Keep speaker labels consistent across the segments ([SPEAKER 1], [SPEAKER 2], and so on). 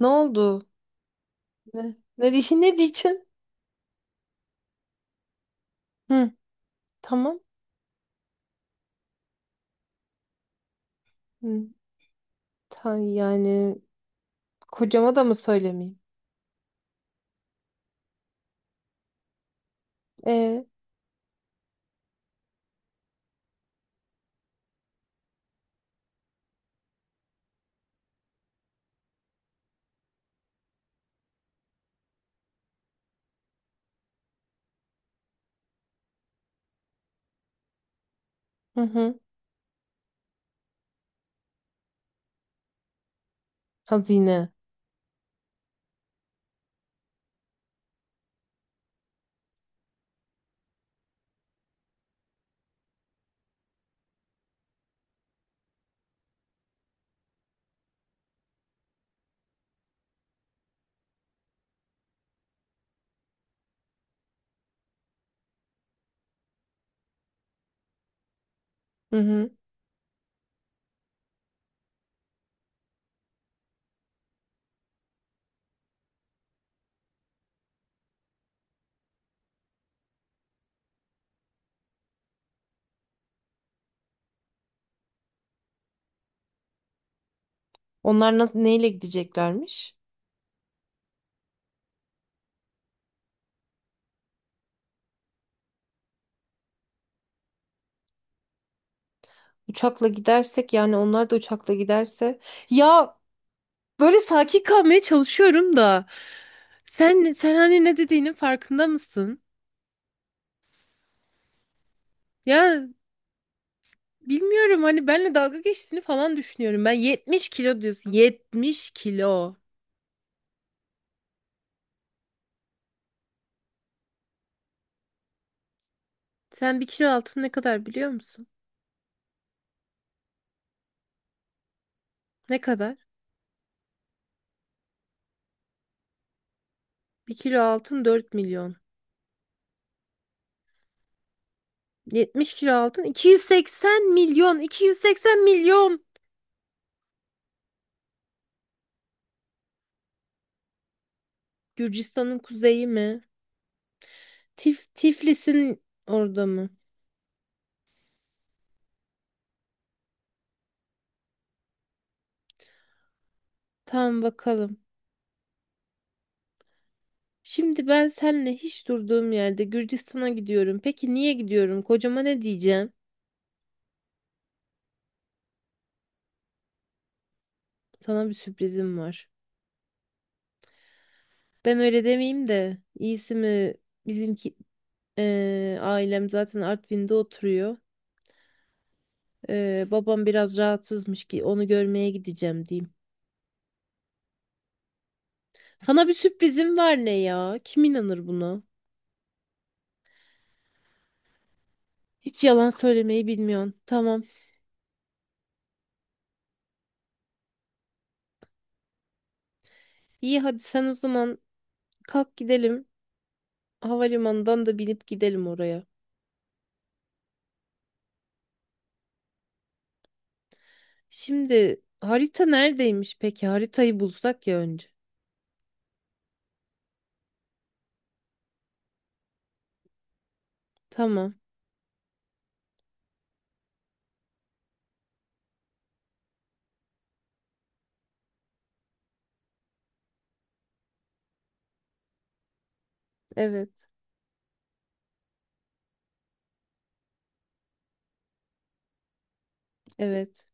[SPEAKER 1] Ne oldu? Ne? Ne diyeceksin? Hı, tamam. Hı, yani kocama da mı söylemeyeyim? E, hı hı. Hazine. Hı hı. Onlar nasıl neyle gideceklermiş? Uçakla gidersek yani onlar da uçakla giderse ya, böyle sakin kalmaya çalışıyorum da sen hani ne dediğinin farkında mısın? Ya bilmiyorum, hani benle dalga geçtiğini falan düşünüyorum. Ben 70 kilo diyorsun. 70 kilo. Sen bir kilo altın ne kadar biliyor musun? Ne kadar? 1 kilo altın 4 milyon. 70 kilo altın 280 milyon. 280 milyon. Gürcistan'ın kuzeyi mi? Tiflis'in orada mı? Tamam, bakalım. Şimdi ben seninle hiç durduğum yerde Gürcistan'a gidiyorum. Peki niye gidiyorum? Kocama ne diyeceğim? Sana bir sürprizim var. Ben öyle demeyeyim de iyisi mi bizimki ailem zaten Artvin'de oturuyor. Babam biraz rahatsızmış ki onu görmeye gideceğim diyeyim. Sana bir sürprizim var, ne ya? Kim inanır buna? Hiç yalan söylemeyi bilmiyorsun. Tamam. İyi, hadi sen o zaman kalk gidelim. Havalimanından da binip gidelim oraya. Şimdi harita neredeymiş peki? Haritayı bulsak ya önce. Tamam. Evet. Evet.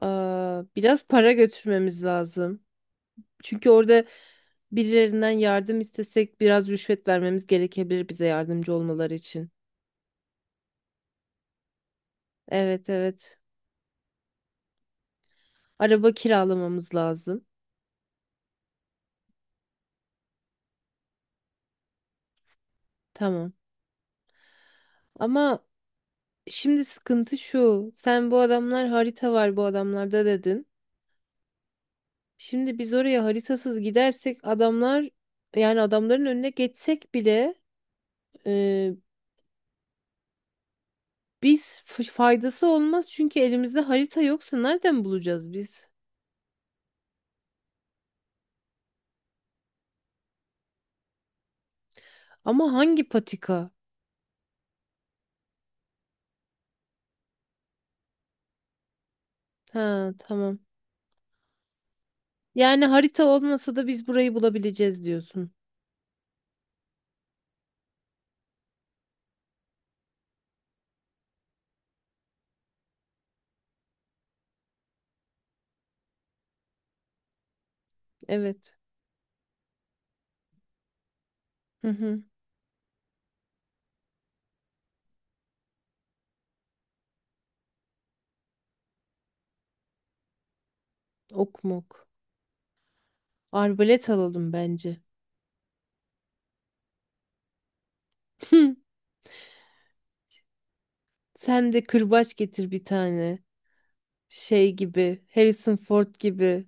[SPEAKER 1] Aa, biraz para götürmemiz lazım. Çünkü orada birilerinden yardım istesek biraz rüşvet vermemiz gerekebilir bize yardımcı olmaları için. Evet, evet. Araba kiralamamız lazım. Tamam. Ama şimdi sıkıntı şu. Sen bu adamlar harita var bu adamlarda dedin. Şimdi biz oraya haritasız gidersek adamlar, yani adamların önüne geçsek bile e, biz faydası olmaz çünkü elimizde harita yoksa nereden bulacağız biz? Ama hangi patika? Ha, tamam. Yani harita olmasa da biz burayı bulabileceğiz diyorsun. Evet. Hı hı. Ok mok. Arbalet alalım bence. Sen de kırbaç getir bir tane. Şey gibi, Harrison Ford gibi.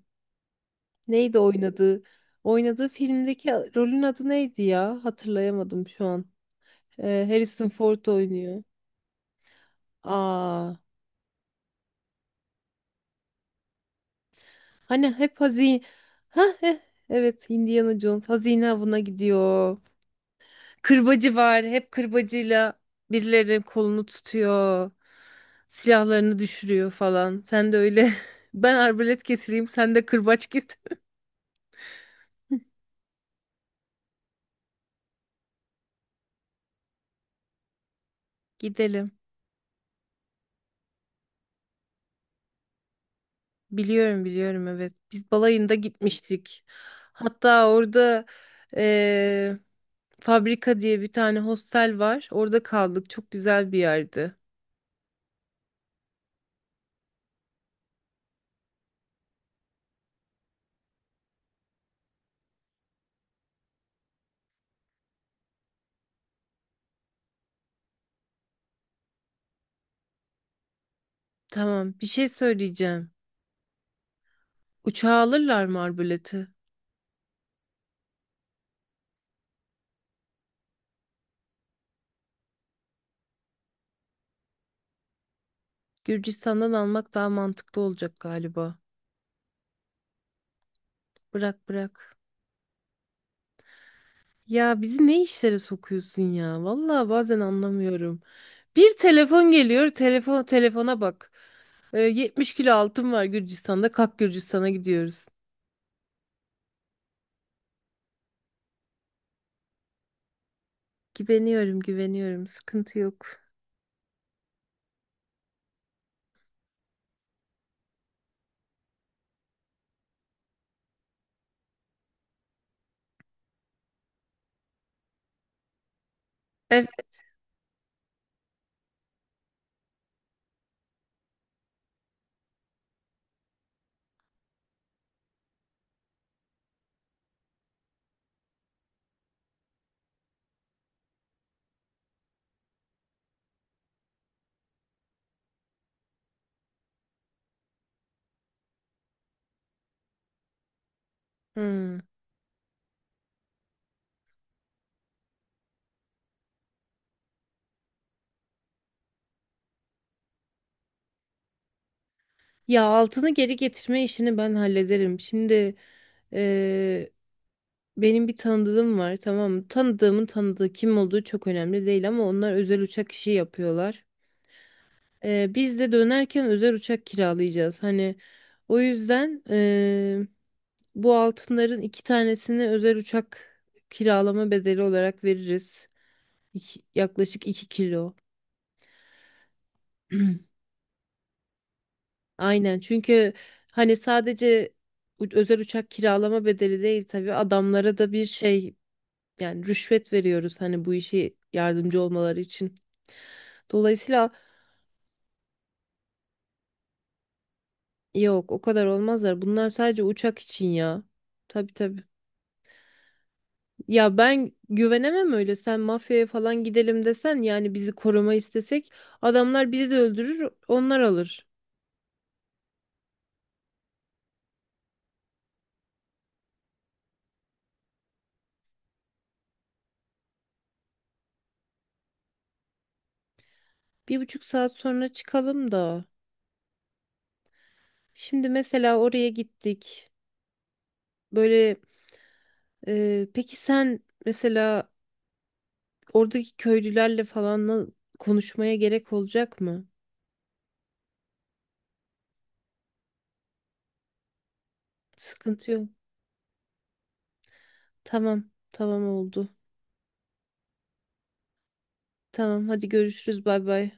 [SPEAKER 1] Neydi oynadığı? Oynadığı filmdeki rolün adı neydi ya? Hatırlayamadım şu an. Harrison Ford oynuyor. Aa, hani hep hazine. Ha, heh, evet, Indiana Jones hazine avına gidiyor. Kırbacı var. Hep kırbacıyla birilerinin kolunu tutuyor. Silahlarını düşürüyor falan. Sen de öyle. Ben arbalet getireyim, sen de kırbaç git. Gidelim. Biliyorum, biliyorum, evet. Biz balayında gitmiştik. Hatta orada eee, fabrika diye bir tane hostel var. Orada kaldık. Çok güzel bir yerdi. Tamam, bir şey söyleyeceğim. Uçağa alırlar mı Arbalet'i? Gürcistan'dan almak daha mantıklı olacak galiba. Bırak, bırak. Ya bizi ne işlere sokuyorsun ya? Vallahi bazen anlamıyorum. Bir telefon geliyor. Telefon, telefona bak. 70 kilo altın var Gürcistan'da. Kalk, Gürcistan'a gidiyoruz. Güveniyorum, güveniyorum. Sıkıntı yok. Evet. Hmm. Ya altını geri getirme işini ben hallederim. Şimdi eee, benim bir tanıdığım var, tamam mı? Tanıdığımın tanıdığı kim olduğu çok önemli değil ama onlar özel uçak işi yapıyorlar. Biz de dönerken özel uçak kiralayacağız. Hani o yüzden bu altınların iki tanesini özel uçak kiralama bedeli olarak veririz. Yaklaşık 2 kilo. Aynen, çünkü hani sadece özel uçak kiralama bedeli değil, tabii adamlara da bir şey, yani rüşvet veriyoruz hani bu işe yardımcı olmaları için. Dolayısıyla yok, o kadar olmazlar. Bunlar sadece uçak için ya. Tabii, tabii. Ya ben güvenemem öyle. Sen mafyaya falan gidelim desen yani bizi koruma istesek adamlar bizi de öldürür onlar alır. 1,5 saat sonra çıkalım da. Şimdi mesela oraya gittik. Böyle. Peki sen mesela oradaki köylülerle falan konuşmaya gerek olacak mı? Sıkıntı yok. Tamam, tamam oldu. Tamam, hadi görüşürüz. Bay bay.